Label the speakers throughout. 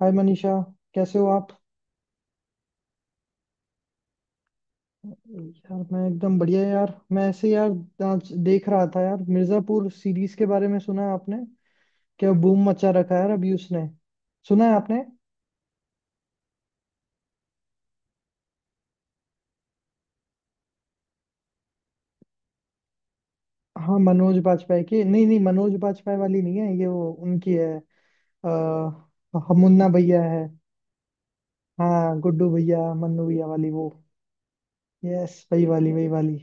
Speaker 1: हाय मनीषा, कैसे हो आप? यार, मैं एकदम बढ़िया। यार, मैं ऐसे यार आज देख रहा था। यार, मिर्जापुर सीरीज के बारे में सुना है आपने? क्या बूम मचा रखा है यार अभी उसने। सुना है आपने? हाँ, मनोज बाजपेयी की नहीं, नहीं मनोज बाजपेयी वाली नहीं है ये, वो उनकी है। आ, मुन्ना भैया है। हाँ, गुड्डू भैया, मन्नू भैया वाली वो। यस, वही वाली वही वाली।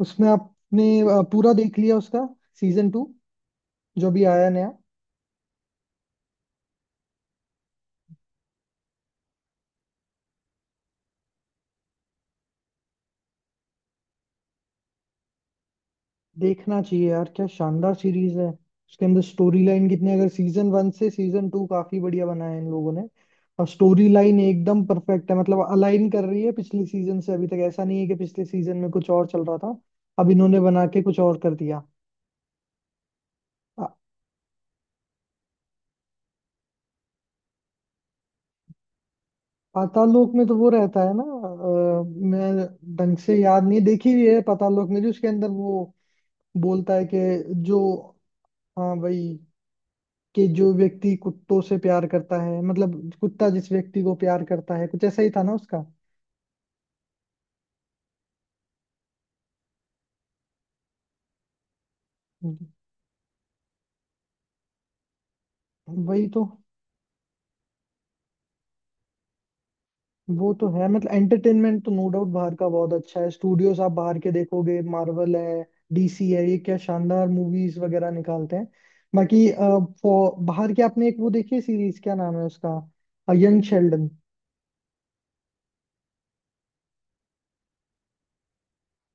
Speaker 1: उसमें आपने पूरा देख लिया उसका सीजन टू, जो भी आया नया? देखना चाहिए यार, क्या शानदार सीरीज है। उसके अंदर स्टोरी लाइन कितनी, अगर सीजन वन से सीजन टू काफी बढ़िया बनाया है इन लोगों ने। और स्टोरी लाइन एकदम परफेक्ट है, मतलब अलाइन कर रही है पिछले सीजन से। अभी तक ऐसा नहीं है कि पिछले सीजन में कुछ और चल रहा था, अब इन्होंने बना के कुछ और कर दिया। आ- पाताल लोक में तो वो रहता है ना। मैं ढंग से याद नहीं, देखी हुई है पाताल लोक। में जो उसके अंदर वो बोलता है कि जो, हाँ भाई, कि जो व्यक्ति कुत्तों से प्यार करता है, मतलब कुत्ता जिस व्यक्ति को प्यार करता है, कुछ ऐसा ही था ना उसका। वही तो। वो तो है, मतलब एंटरटेनमेंट तो नो डाउट बाहर का बहुत अच्छा है। स्टूडियोज आप बाहर के देखोगे, मार्वल है, डीसी है, ये क्या शानदार मूवीज वगैरह निकालते हैं। बाकी बाहर के आपने एक वो देखी सीरीज, क्या नाम है उसका, यंग शेल्डन?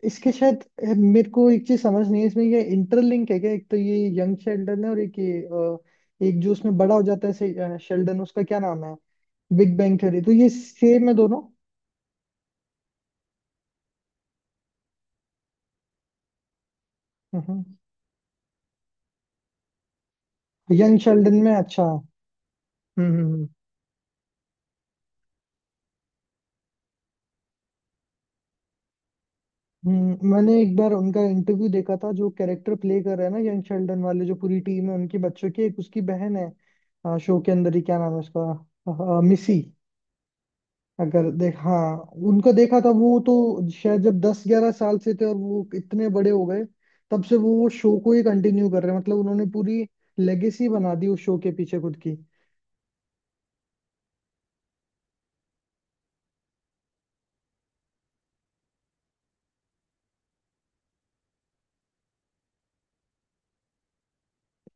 Speaker 1: इसके शायद मेरे को एक चीज समझ नहीं है इसमें, ये इंटरलिंक है क्या? एक तो ये यंग शेल्डन है, और एक ये एक जो उसमें बड़ा हो जाता है शेल्डन, उसका क्या नाम है? बिग बैंग थ्योरी तो ये सेम है दोनों? हम्म, यंग शेल्डन में। अच्छा। हम्म। हम्म। मैंने एक बार उनका इंटरव्यू देखा था, जो कैरेक्टर प्ले कर रहे हैं ना यंग शेल्डन वाले, जो पूरी टीम है उनकी बच्चों की, एक उसकी बहन है। शो के अंदर ही क्या नाम है उसका? अ, मिसी। अगर देख, हाँ। उनको देखा था, वो तो शायद जब 10-11 साल से थे, और वो इतने बड़े हो गए। तब से वो शो को ही कंटिन्यू कर रहे हैं। मतलब उन्होंने पूरी लेगेसी बना दी उस शो के पीछे खुद की।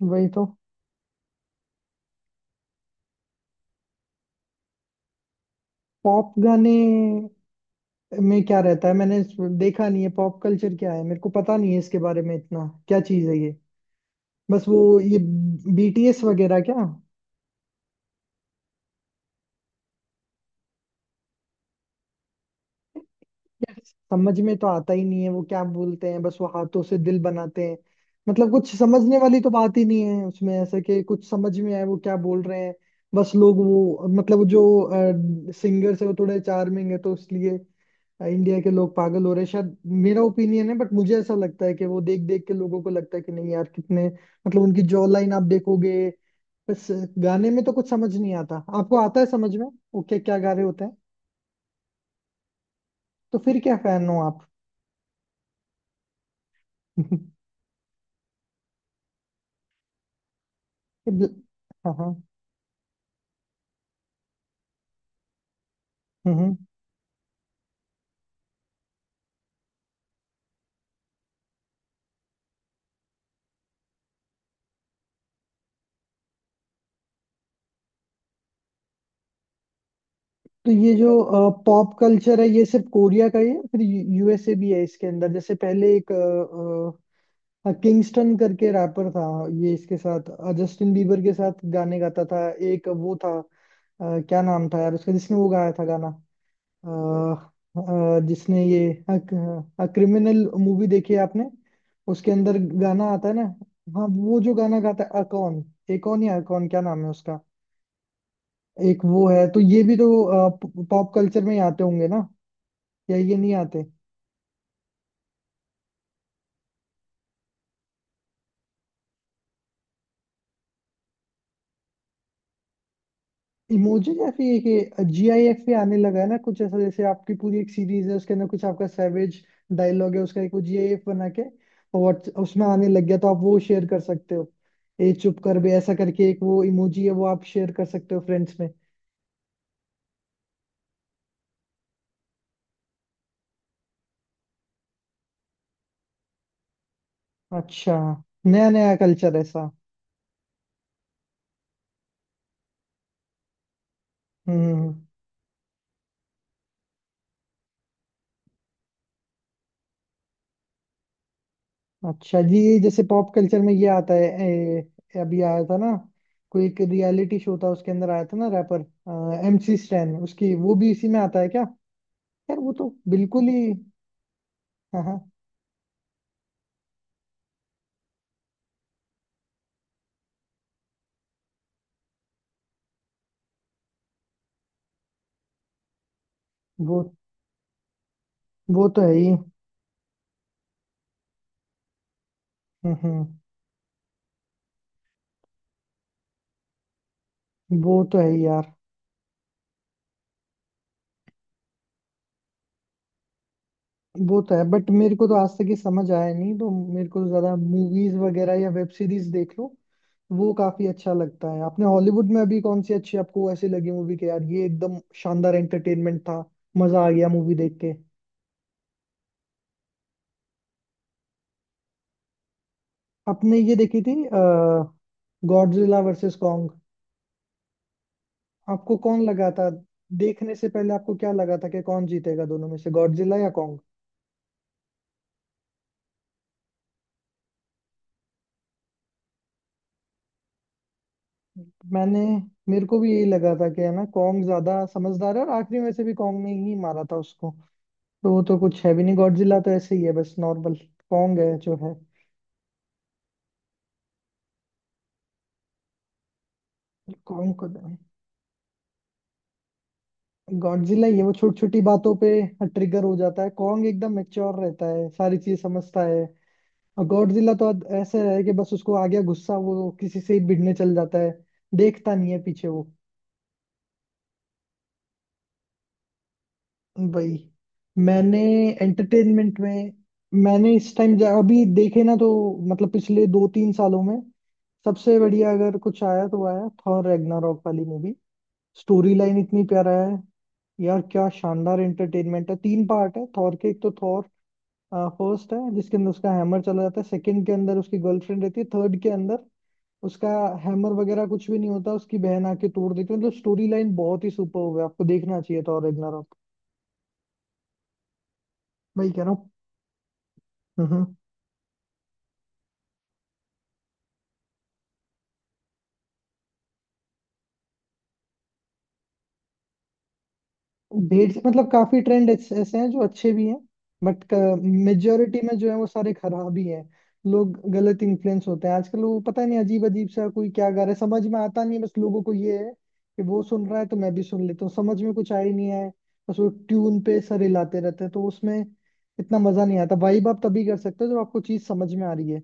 Speaker 1: वही तो। पॉप गाने में क्या रहता है? देखा नहीं है। पॉप कल्चर क्या है, मेरे को पता नहीं है इसके बारे में, इतना क्या चीज है ये? बस वो ये बीटीएस वगैरह क्या? यार, समझ में तो आता ही नहीं है वो क्या बोलते हैं। बस वो हाथों से दिल बनाते हैं। मतलब कुछ समझने वाली तो बात ही नहीं है उसमें, ऐसा कि कुछ समझ में आए वो क्या बोल रहे हैं। बस लोग वो, मतलब जो सिंगर्स है वो थोड़े चार्मिंग है तो इसलिए इंडिया के लोग पागल हो रहे हैं शायद। मेरा ओपिनियन है, बट मुझे ऐसा लगता है कि वो देख देख के लोगों को लगता है कि नहीं यार कितने, मतलब उनकी जॉ लाइन आप देखोगे। बस। गाने में तो कुछ समझ नहीं आता, आपको आता है समझ में? ओके, क्या गा रहे होते हैं। तो फिर क्या फैन हो आप? ये ब्ल- हाँ हाँ। हम्म हम्म। तो ये जो पॉप कल्चर है, ये सिर्फ कोरिया का ही है, फिर यूएसए भी है इसके अंदर। जैसे पहले एक किंगस्टन करके रैपर था, ये इसके साथ, जस्टिन बीबर के साथ गाने गाता था। एक वो था, क्या नाम था यार उसका, जिसने वो गाया था गाना, जिसने ये क्रिमिनल मूवी देखी है आपने? उसके अंदर गाना आता है ना। हाँ, वो जो गाना गाता है अकॉन, एकॉन या अकॉन, क्या नाम है उसका। एक वो है, तो ये भी तो पॉप कल्चर में ही आते होंगे ना, या ये नहीं आते? इमोजी या फिर एक जीआईएफ भी आने लगा है ना, कुछ ऐसा जैसे आपकी पूरी एक सीरीज है, उसके अंदर कुछ आपका सैवेज डायलॉग है, उसका एक वो जीआईएफ बना के, और उसमें आने लग गया, तो आप वो शेयर कर सकते हो। ए चुप कर बे ऐसा करके, एक वो इमोजी है वो आप शेयर कर सकते हो फ्रेंड्स में। अच्छा। नया नया कल्चर ऐसा। हम्म हम्म, हम्म। अच्छा जी, ये जैसे पॉप कल्चर में ये आता है, अभी आया था ना कोई एक रियलिटी शो, था उसके अंदर आया था ना, रैपर एमसी स्टैन, उसकी वो भी इसी में आता है क्या? यार वो तो बिल्कुल ही। हाँ हाँ। वो। वो तो है ही। हम्म हम्म, वो तो है ही यार। वो तो है, बट मेरे को तो आज तक ये समझ आया नहीं। तो मेरे को ज्यादा मूवीज वगैरह या वेब सीरीज देख लो, वो काफी अच्छा लगता है। आपने हॉलीवुड में अभी कौन सी अच्छी आपको ऐसी लगी मूवी के यार ये एकदम शानदार एंटरटेनमेंट था, मजा आ गया मूवी देख के? आपने ये देखी थी, गॉडजिला वर्सेस कॉन्ग? आपको कौन लगा था? देखने से पहले आपको क्या लगा था कि कौन जीतेगा दोनों में से, गॉडजिला या कॉन्ग? मैंने, मेरे को भी यही लगा था कि है ना कॉन्ग ज्यादा समझदार है, और आखिरी में से भी कॉन्ग ने ही मारा था उसको। तो वो तो कुछ है भी नहीं, गॉडजिला तो ऐसे ही है, बस नॉर्मल। कॉन्ग है जो है। कॉन्ग को। गॉडजिला ये वो छोटी छोटी बातों पे ट्रिगर हो जाता है, कॉन्ग एकदम मेच्योर रहता है, सारी चीज समझता है। और गॉडजिला तो अब ऐसा है कि बस उसको आ गया गुस्सा, वो किसी से ही भिड़ने चल जाता है, देखता नहीं है पीछे वो। भाई। मैंने एंटरटेनमेंट में, मैंने इस टाइम अभी देखे ना तो, मतलब पिछले 2-3 सालों में सबसे बढ़िया अगर कुछ आया, तो आया थॉर रैग्नारॉक वाली मूवी। स्टोरी लाइन इतनी प्यारा है। यार, क्या शानदार एंटरटेनमेंट है। तीन पार्ट है थॉर के, एक तो थॉर फर्स्ट है, जिसके अंदर उसका हैमर चला जाता है, सेकंड के अंदर उसकी गर्लफ्रेंड रहती है, थर्ड के अंदर उसका हैमर वगैरह कुछ भी नहीं होता, उसकी बहन आके तोड़ देती है। मतलब स्टोरी लाइन बहुत ही सुपर है, आपको देखना चाहिए था और रेगनारॉक। वही कह रहा हूँ। हम्म। ढेर से, मतलब काफी ट्रेंड ऐसे ऐसे हैं जो अच्छे भी हैं, बट मेजोरिटी में जो है वो सारे खराब ही हैं। लोग गलत इन्फ्लुएंस होते हैं आजकल। वो पता नहीं अजीब अजीब सा कोई क्या गा रहा है, समझ में आता नहीं है, बस लोगों को ये है कि वो सुन रहा है तो मैं भी सुन लेता हूँ, समझ में कुछ आ ही नहीं है। बस वो ट्यून पे सर हिलाते रहते हैं, तो उसमें इतना मजा नहीं आता। वाइब आप तभी कर सकते हो जब आपको चीज समझ में आ रही है।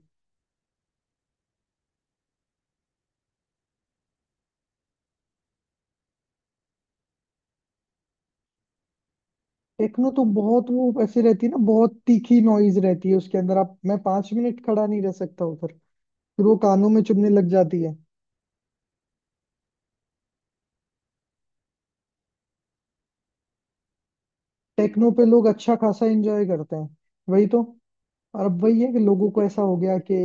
Speaker 1: टेक्नो तो बहुत वो ऐसे रहती है ना, बहुत तीखी नॉइज रहती है उसके अंदर, आप, मैं 5 मिनट खड़ा नहीं रह सकता उधर। फिर वो कानों में चुभने लग जाती है। टेक्नो पे लोग अच्छा खासा एंजॉय करते हैं। वही तो। और अब वही है कि लोगों को ऐसा हो गया कि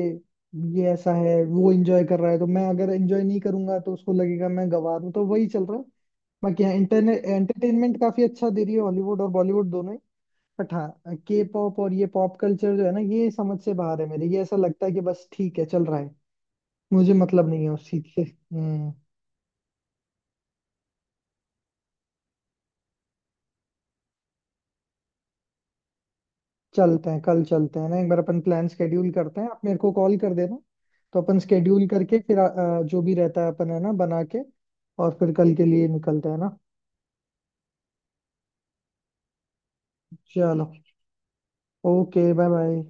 Speaker 1: ये ऐसा है, वो एंजॉय कर रहा है, तो मैं अगर एंजॉय नहीं करूंगा तो उसको लगेगा मैं गंवार हूं, तो वही चल रहा है। बाकी हाँ, इंटरनेट एंटरटेनमेंट काफी अच्छा दे रही है, हॉलीवुड और बॉलीवुड दोनों ही। बट हाँ, के पॉप और ये पॉप कल्चर जो है ना, ये समझ से बाहर है मेरे। ये ऐसा लगता है कि बस ठीक है चल रहा है, मुझे मतलब नहीं है उस चीज से। हम्म। चलते हैं, कल चलते हैं ना, एक बार अपन प्लान स्केड्यूल करते हैं, आप मेरे को कॉल कर देना। तो अपन स्केड्यूल करके फिर जो भी रहता है अपन है ना बना के, और फिर कल के लिए निकलते हैं ना। चलो, ओके, बाय बाय।